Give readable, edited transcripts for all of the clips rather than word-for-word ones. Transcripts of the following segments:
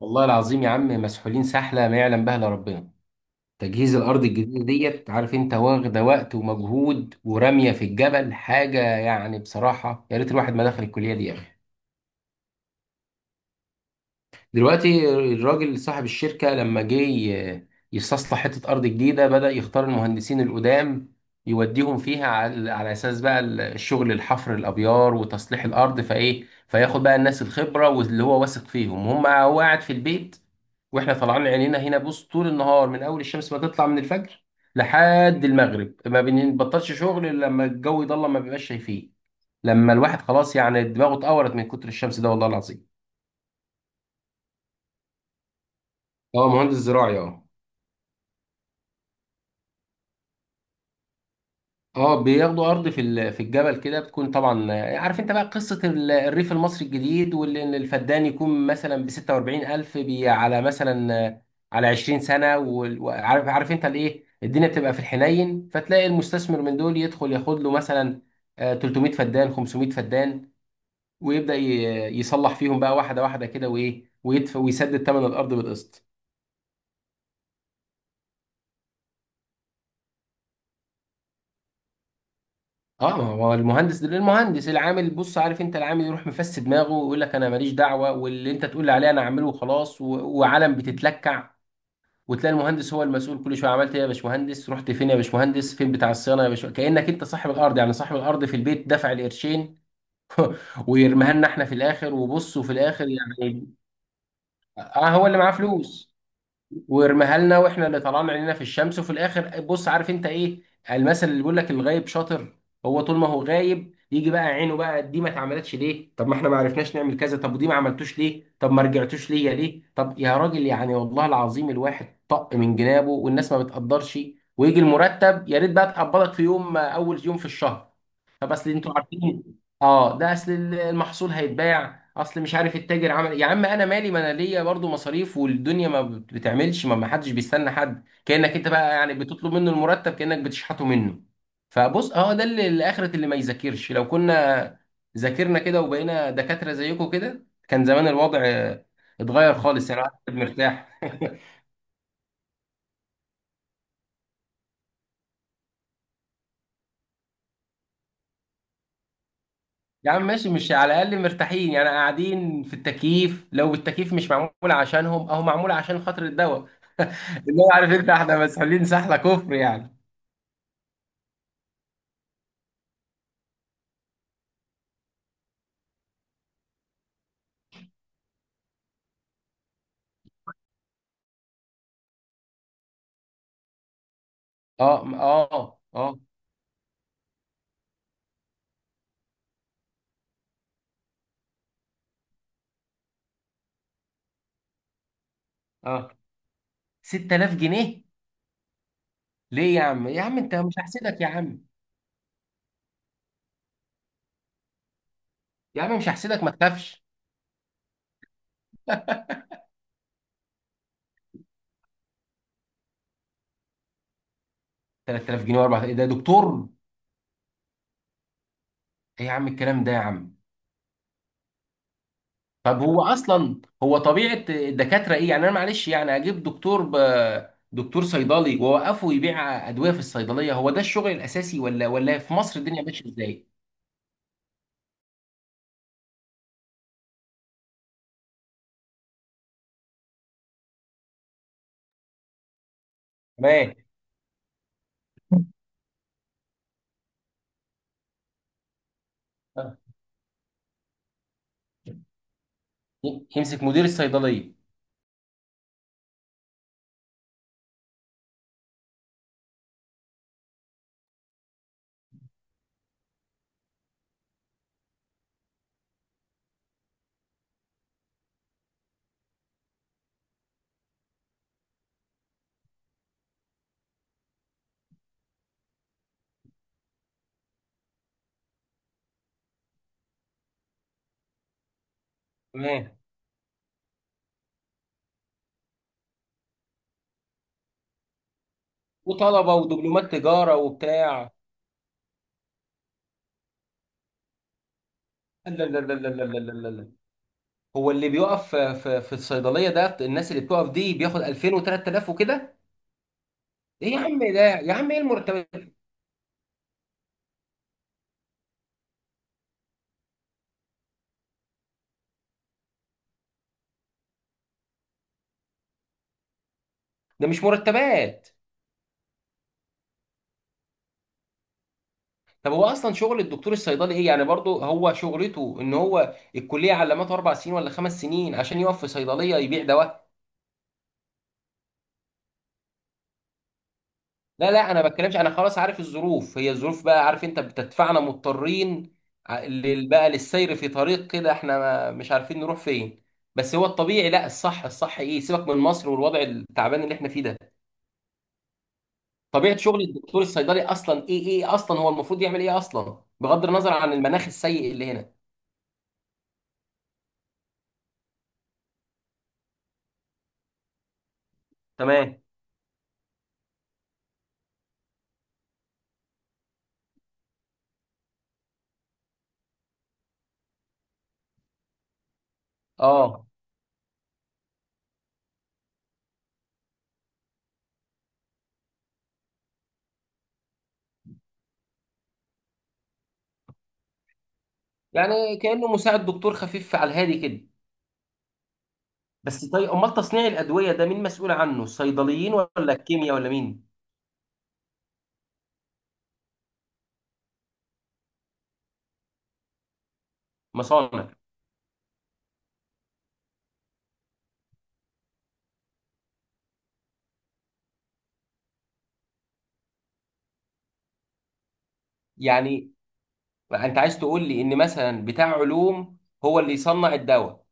والله العظيم يا عم مسحولين سحلة ما يعلم بها إلا ربنا. تجهيز الأرض الجديدة ديت عارف أنت واخدة وقت ومجهود ورمية في الجبل حاجة، يعني بصراحة يا ريت الواحد ما دخل الكلية دي يا أخي. دلوقتي الراجل صاحب الشركة لما يستصلح حتة أرض جديدة، بدأ يختار المهندسين القدام يوديهم فيها على أساس بقى الشغل الحفر الأبيار وتصليح الأرض، فإيه فياخد بقى الناس الخبرة واللي هو واثق فيهم، هم هو قاعد في البيت وإحنا طالعين عينينا هنا. بص، طول النهار من أول الشمس ما تطلع من الفجر لحد المغرب ما بنبطلش شغل إلا لما الجو يضلم ما بيبقاش شايفين، لما الواحد خلاص يعني دماغه اتقورت من كتر الشمس ده، والله العظيم. هو مهندس زراعي، اه. اه بياخدوا ارض في الجبل كده، بتكون طبعا عارف انت بقى قصه الريف المصري الجديد، واللي إن الفدان يكون مثلا ب 46,000 على مثلا على 20 سنه وعارف انت الايه، الدنيا بتبقى في الحنين، فتلاقي المستثمر من دول يدخل ياخد له مثلا، 300 فدان 500 فدان، ويبدا ي- يصلح فيهم بقى واحده واحده كده وايه، ويدفع ويسدد ثمن الارض بالقسط. اه، ما هو المهندس العامل بص، عارف انت العامل يروح مفس دماغه ويقول لك: انا ماليش دعوه، واللي انت تقول لي عليه انا اعمله وخلاص وعلم بتتلكع، وتلاقي المهندس هو المسؤول كل شويه: عملت ايه يا باشمهندس؟ رحت فين يا باشمهندس؟ فين بتاع الصيانه يا باشمهندس؟ كانك انت صاحب الارض، يعني صاحب الارض في البيت دفع القرشين ويرميها لنا احنا في الاخر. وبص، وفي الاخر يعني اه، هو اللي معاه فلوس ويرميها لنا، واحنا اللي طلعنا عينينا في الشمس. وفي الاخر بص، عارف انت ايه المثل اللي بيقول لك: الغايب شاطر. هو طول ما هو غايب يجي بقى عينه بقى: دي ما اتعملتش ليه؟ طب ما احنا ما عرفناش نعمل كذا، طب ودي ما عملتوش ليه؟ طب ما رجعتوش ليا ليه؟ طب يا راجل يعني، والله العظيم الواحد طق من جنابه، والناس ما بتقدرش. ويجي المرتب، يا ريت بقى تقبضك في يوم، اول يوم في الشهر. طب اصل انتوا عارفين، اه ده اصل المحصول هيتباع، اصل مش عارف التاجر عمل إيه. يا عم انا مالي، ما انا ليا برضه مصاريف، والدنيا ما بت- بتعملش، ما حدش بيستنى حد، كانك انت بقى يعني بتطلب منه المرتب كانك بتشحته منه. فبص اه، ده اللي الاخرة اللي ما يذاكرش، لو كنا ذاكرنا كده وبقينا دكاترة زيكم كده، كان زمان الوضع اتغير خالص يعني، الواحد مرتاح يا عم ماشي، مش على الاقل مرتاحين يعني، قاعدين في التكييف، لو التكييف مش معمول عشانهم اهو معمول عشان خاطر الدواء اللي هو، عارف انت احنا مسحولين سحله كفر يعني. اه، اه 6000 جنيه؟ ليه يا عم؟ يا عم انت مش هحسدك يا عم. يا عم مش هحسدك، ما تخافش. 3000 جنيه و4000 ده دكتور؟ ايه يا عم الكلام ده يا عم. طب هو اصلا هو طبيعه الدكاتره ايه يعني؟ انا معلش يعني اجيب دكتور دكتور صيدلي واوقفه يبيع ادويه في الصيدليه، هو ده الشغل الاساسي؟ ولا في مصر الدنيا ماشيه ازاي؟ تمام. آه. يمسك مدير الصيدليه، وطلبه ودبلومات تجاره وبتاع. لا لا لا لا لا لا لا لا، هو اللي بيقف في الصيدليه ده، الناس اللي بتقف دي بياخد 2000 و3000 وكده؟ ايه يا عم ده يا عم، ايه المرتبات؟ ده مش مرتبات. طب هو اصلا شغل الدكتور الصيدلي ايه يعني؟ برضه هو شغلته ان هو الكليه علمته اربع سنين ولا خمس سنين عشان يقف في صيدليه يبيع دواء؟ لا لا، انا ما بتكلمش، انا خلاص عارف الظروف هي الظروف بقى، عارف انت بتدفعنا مضطرين بقى للسير في طريق كده، احنا مش عارفين نروح فين. بس هو الطبيعي، لا الصح، الصح ايه؟ سيبك من مصر والوضع التعبان اللي احنا فيه ده، طبيعة شغل الدكتور الصيدلي اصلا ايه؟ ايه اصلا هو المفروض يعمل ايه اصلا بغض النظر عن المناخ السيء اللي هنا؟ تمام. اه، يعني كأنه مساعد دكتور خفيف على الهادي كده. بس طيب، امال تصنيع الادوية ده مين مسؤول عنه، الصيدليين ولا الكيمياء ولا مين؟ مصانع؟ يعني انت عايز تقول لي ان مثلا بتاع علوم هو اللي يصنع الدواء؟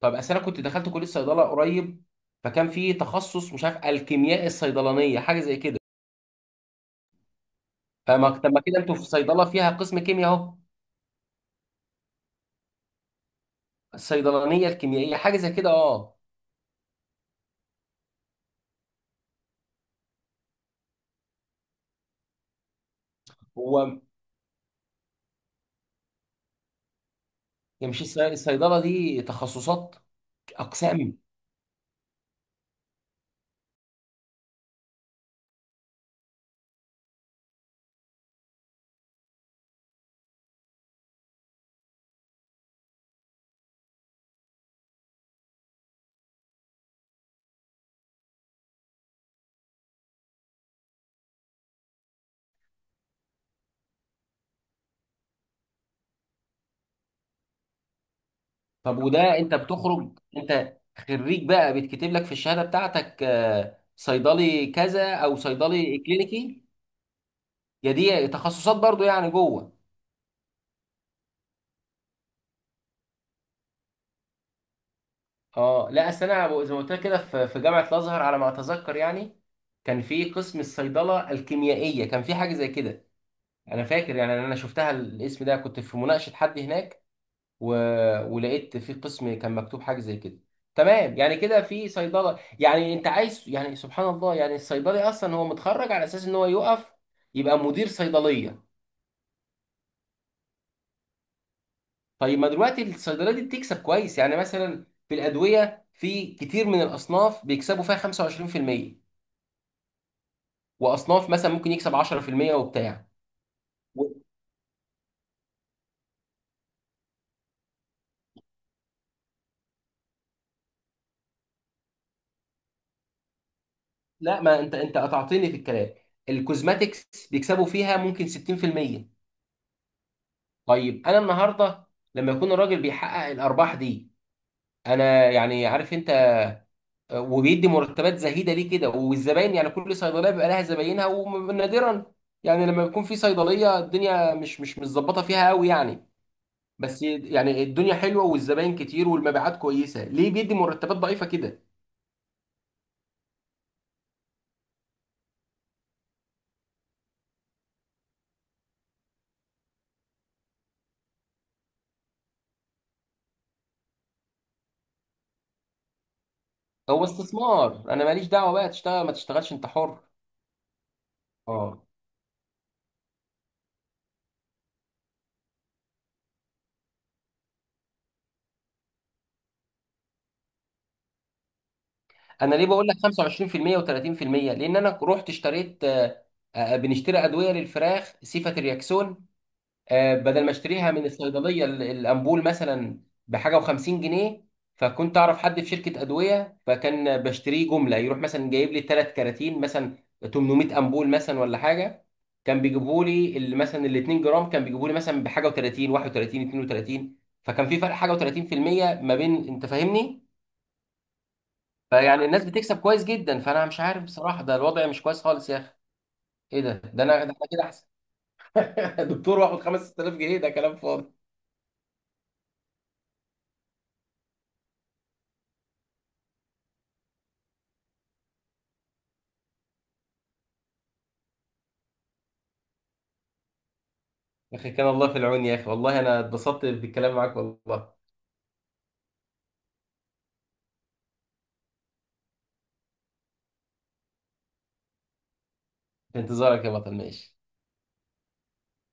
طب اصل انا كنت دخلت كليه صيدله قريب، فكان في تخصص مش عارف الكيمياء الصيدلانيه حاجه زي كده. فما طب ما كده انتوا في صيدله فيها قسم كيمياء اهو. الصيدلانيه الكيميائيه حاجه زي كده، اه. هو هي مش الصيدله دي تخصصات؟ اقسام؟ طب وده انت بتخرج، انت خريج بقى بيتكتب لك في الشهاده بتاعتك صيدلي كذا او صيدلي كلينيكي؟ يا دي تخصصات برضو يعني جوه؟ اه لا اصل انا زي ما قلت لك كده، في جامعه الازهر على ما اتذكر يعني، كان في قسم الصيدله الكيميائيه، كان في حاجه زي كده. انا فاكر يعني، انا شفتها الاسم ده كنت في مناقشه حد هناك، و... ولقيت في قسم كان مكتوب حاجه زي كده. تمام يعني كده في صيدله يعني انت عايز، يعني سبحان الله يعني، الصيدلي اصلا هو متخرج على اساس ان هو يقف يبقى مدير صيدليه. طيب ما دلوقتي الصيدليه دي بتكسب كويس، يعني مثلا في الادويه في كتير من الاصناف بيكسبوا فيها 25%، واصناف مثلا ممكن يكسب 10% وبتاع و... لا ما انت، انت قطعتني في الكلام. الكوزماتكس بيكسبوا فيها ممكن 60%. طيب انا النهارده لما يكون الراجل بيحقق الارباح دي، انا يعني عارف انت، وبيدي مرتبات زهيده ليه كده؟ والزباين يعني كل صيدليه بيبقى لها زباينها، ونادرا يعني لما يكون في صيدليه الدنيا مش متظبطه فيها قوي يعني، بس يعني الدنيا حلوه والزباين كتير والمبيعات كويسه، ليه بيدي مرتبات ضعيفه كده؟ هو استثمار، انا ماليش دعوه بقى، تشتغل ما تشتغلش انت حر. اه. انا ليه بقول لك 25% و30%؟ لان انا رحت اشتريت بنشتري ادويه للفراخ سيفا ترياكسون. بدل ما اشتريها من الصيدليه الامبول مثلا بحاجه و50 جنيه، فكنت اعرف حد في شركه ادويه، فكان بشتريه جمله، يروح مثلا جايب لي ثلاث كراتين مثلا، 800 امبول مثلا ولا حاجه، كان بيجيبوا لي مثلا ال 2 جرام كان بيجيبوا لي مثلا بحاجه و30 31 32، فكان في فرق حاجه و30% ما بين، انت فاهمني. فيعني الناس بتكسب كويس جدا، فانا مش عارف بصراحه، ده الوضع مش كويس خالص يا اخي. ايه ده، ده انا، ده انا كده احسن دكتور واخد 5000 جنيه، ده كلام فاضي. يا اخي كان الله في العون، يا اخي والله انا اتبسطت بالكلام معاك والله. في انتظارك يا بطل، ماشي.